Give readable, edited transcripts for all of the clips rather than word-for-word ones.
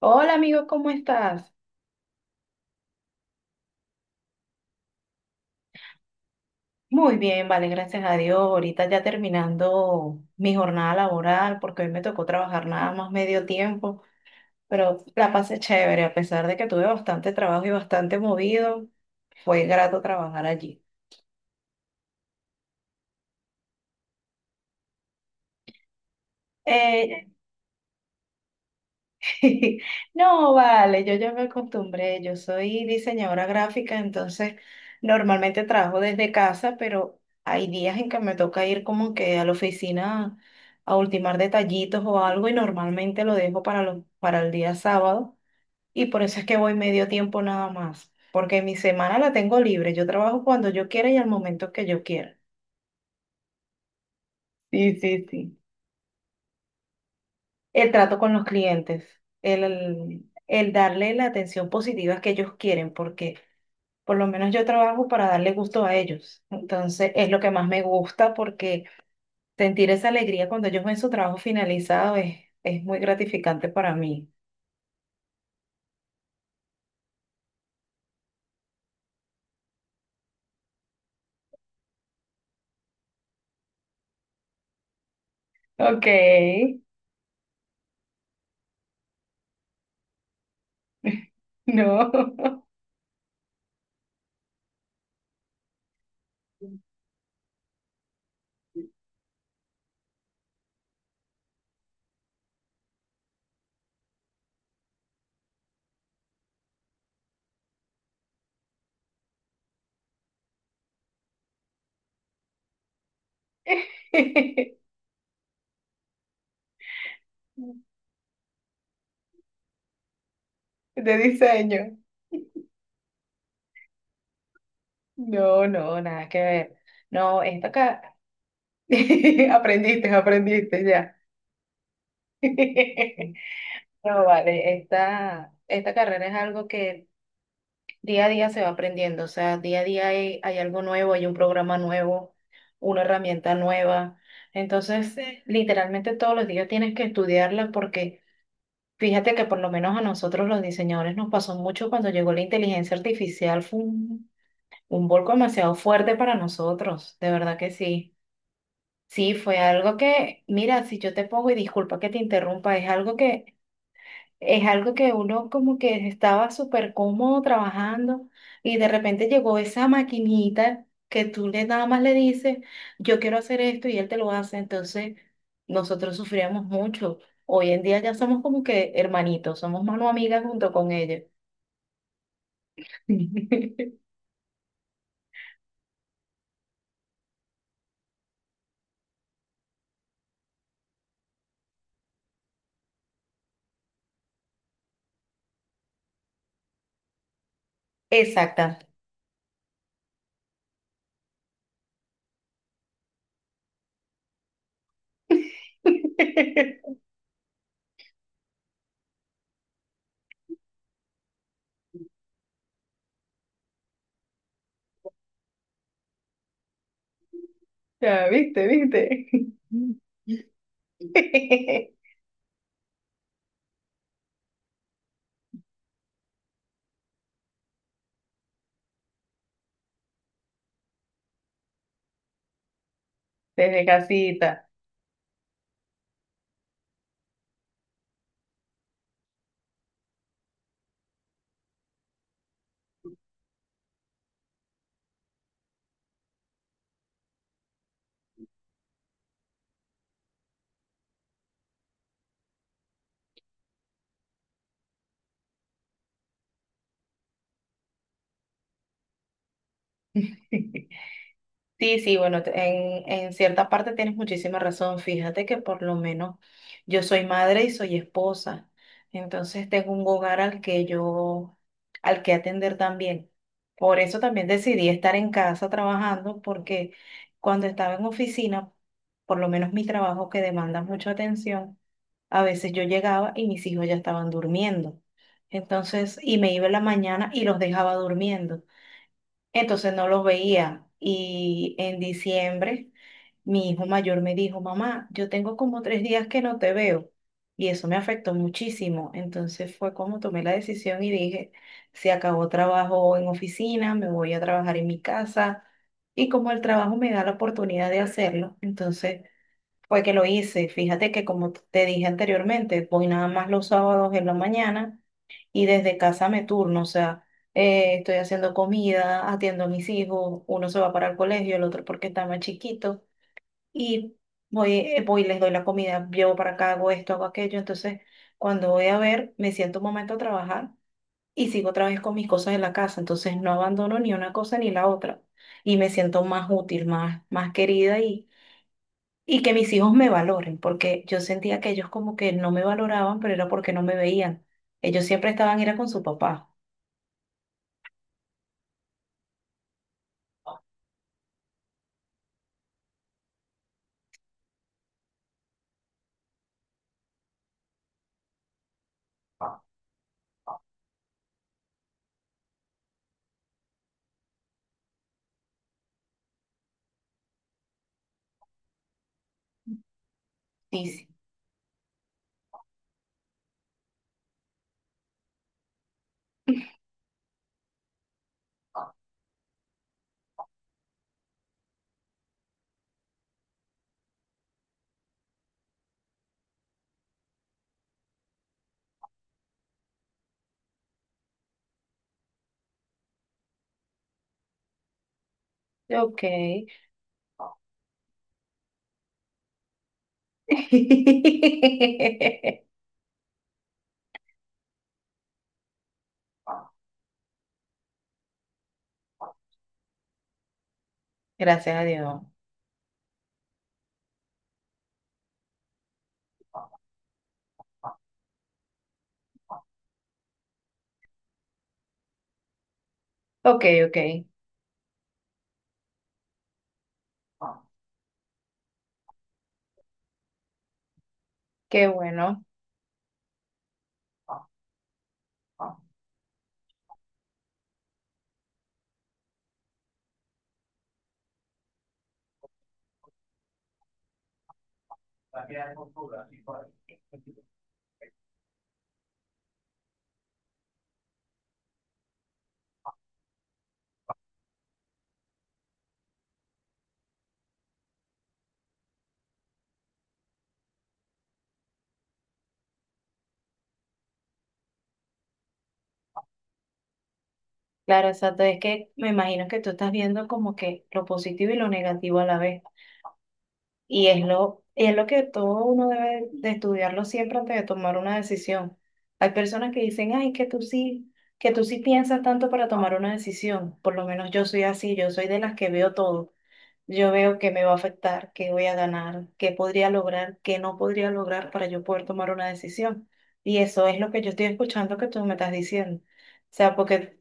Hola amigo, ¿cómo estás? Muy bien, vale, gracias a Dios. Ahorita ya terminando mi jornada laboral porque hoy me tocó trabajar nada más medio tiempo, pero la pasé chévere, a pesar de que tuve bastante trabajo y bastante movido, fue grato trabajar allí. Eh, No, vale, yo ya me acostumbré, yo soy diseñadora gráfica, entonces normalmente trabajo desde casa, pero hay días en que me toca ir como que a la oficina a ultimar detallitos o algo y normalmente lo dejo para, para el día sábado y por eso es que voy medio tiempo nada más, porque mi semana la tengo libre, yo trabajo cuando yo quiera y al momento que yo quiera. Sí, sí, sí. El trato con los clientes, el darle la atención positiva que ellos quieren, porque... Por lo menos yo trabajo para darle gusto a ellos. Entonces es lo que más me gusta porque sentir esa alegría cuando ellos ven su trabajo finalizado es muy gratificante para mí. Ok. No. De diseño. No, no, nada que ver. No, esto acá. Aprendiste, aprendiste ya. No, vale, esta carrera es algo que día a día se va aprendiendo, o sea, día a día hay, hay algo nuevo, hay un programa nuevo, una herramienta nueva. Entonces, sí, literalmente todos los días tienes que estudiarla porque fíjate que por lo menos a nosotros los diseñadores nos pasó mucho cuando llegó la inteligencia artificial, fue un vuelco demasiado fuerte para nosotros, de verdad que sí. Sí, fue algo que, mira, si yo te pongo y disculpa que te interrumpa, es algo que uno como que estaba súper cómodo trabajando y de repente llegó esa maquinita que tú le nada más le dices, yo quiero hacer esto y él te lo hace. Entonces nosotros sufríamos mucho. Hoy en día ya somos como que hermanitos, somos mano amiga junto con ella. Exacta. Ya, viste, viste. Desde casita. Sí, sí, bueno, en cierta parte tienes muchísima razón. Fíjate que por lo menos yo soy madre y soy esposa. Entonces tengo un hogar al que yo, al que atender también. Por eso también decidí estar en casa trabajando, porque cuando estaba en oficina, por lo menos mi trabajo que demanda mucha atención, a veces yo llegaba y mis hijos ya estaban durmiendo. Entonces, y me iba en la mañana y los dejaba durmiendo. Entonces no los veía. Y en diciembre mi hijo mayor me dijo, mamá, yo tengo como 3 días que no te veo. Y eso me afectó muchísimo. Entonces fue como tomé la decisión y dije, se acabó trabajo en oficina, me voy a trabajar en mi casa. Y como el trabajo me da la oportunidad de hacerlo, entonces fue que lo hice. Fíjate que como te dije anteriormente, voy nada más los sábados en la mañana y desde casa me turno, o sea, estoy haciendo comida, atiendo a mis hijos, uno se va para el colegio, el otro porque está más chiquito, y voy, voy y les doy la comida, llevo para acá, hago esto, hago aquello, entonces cuando voy a ver, me siento un momento a trabajar y sigo otra vez con mis cosas de la casa, entonces no abandono ni una cosa ni la otra, y me siento más útil, más, más querida y... Y que mis hijos me valoren, porque yo sentía que ellos como que no me valoraban, pero era porque no me veían. Ellos siempre estaban, era con su papá. Sí, sí. Ok. Gracias a Dios. Ok, ok. Qué bueno. Claro, exacto. Es que me imagino que tú estás viendo como que lo positivo y lo negativo a la vez. Y es lo que todo uno debe de estudiarlo siempre antes de tomar una decisión. Hay personas que dicen, ay, que tú sí piensas tanto para tomar una decisión. Por lo menos yo soy así, yo soy de las que veo todo. Yo veo que me va a afectar, qué voy a ganar, qué podría lograr, qué no podría lograr para yo poder tomar una decisión. Y eso es lo que yo estoy escuchando que tú me estás diciendo. O sea, porque,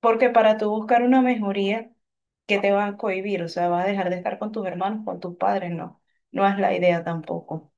porque para tú buscar una mejoría, ¿qué te va a cohibir? O sea, vas a dejar de estar con tus hermanos, con tus padres, no. No es la idea tampoco.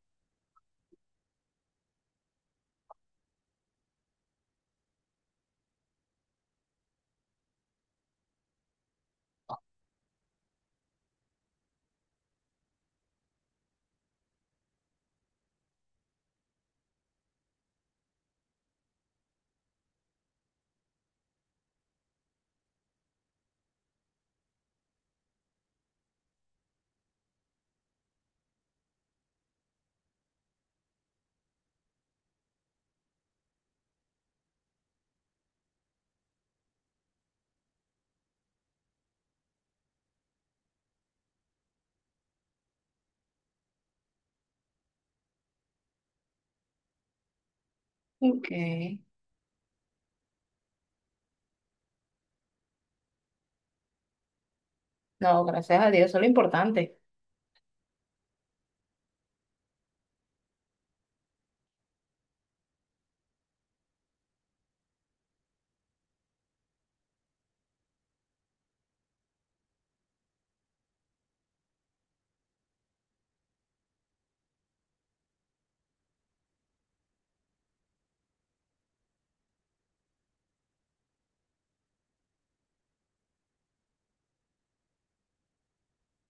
Ok. No, gracias a Dios, eso es lo importante.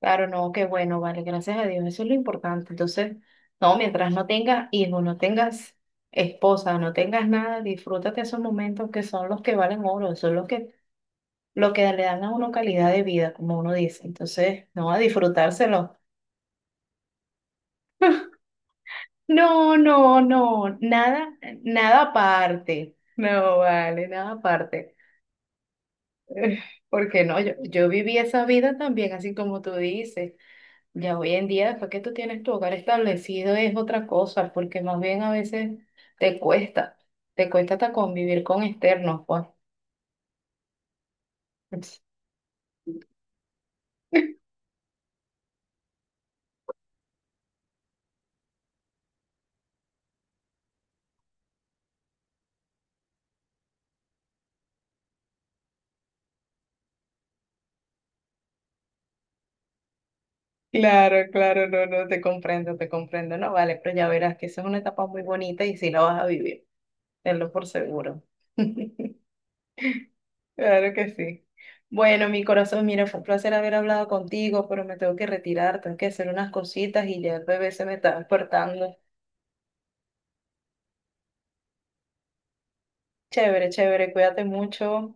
Claro, no, qué bueno, vale, gracias a Dios, eso es lo importante. Entonces, no, mientras no tengas hijos, no tengas esposa, no tengas nada, disfrútate esos momentos que son los que valen oro, son los que, lo que le dan a uno calidad de vida, como uno dice. Entonces, no, a disfrutárselo. No, no, no, nada, nada aparte. No, vale, nada aparte. Eh, Porque no, yo viví esa vida también, así como tú dices. Ya hoy en día, después que tú tienes tu hogar establecido, es otra cosa, porque más bien a veces te cuesta, te cuesta hasta convivir con externos, pues. Claro, claro, no, no, te comprendo, no, vale, pero ya verás que esa es una etapa muy bonita y sí la vas a vivir, tenlo por seguro. Claro que sí. Bueno, mi corazón, mira, fue un placer haber hablado contigo, pero me tengo que retirar, tengo que hacer unas cositas y ya el bebé se me está despertando. Chévere, chévere, cuídate mucho.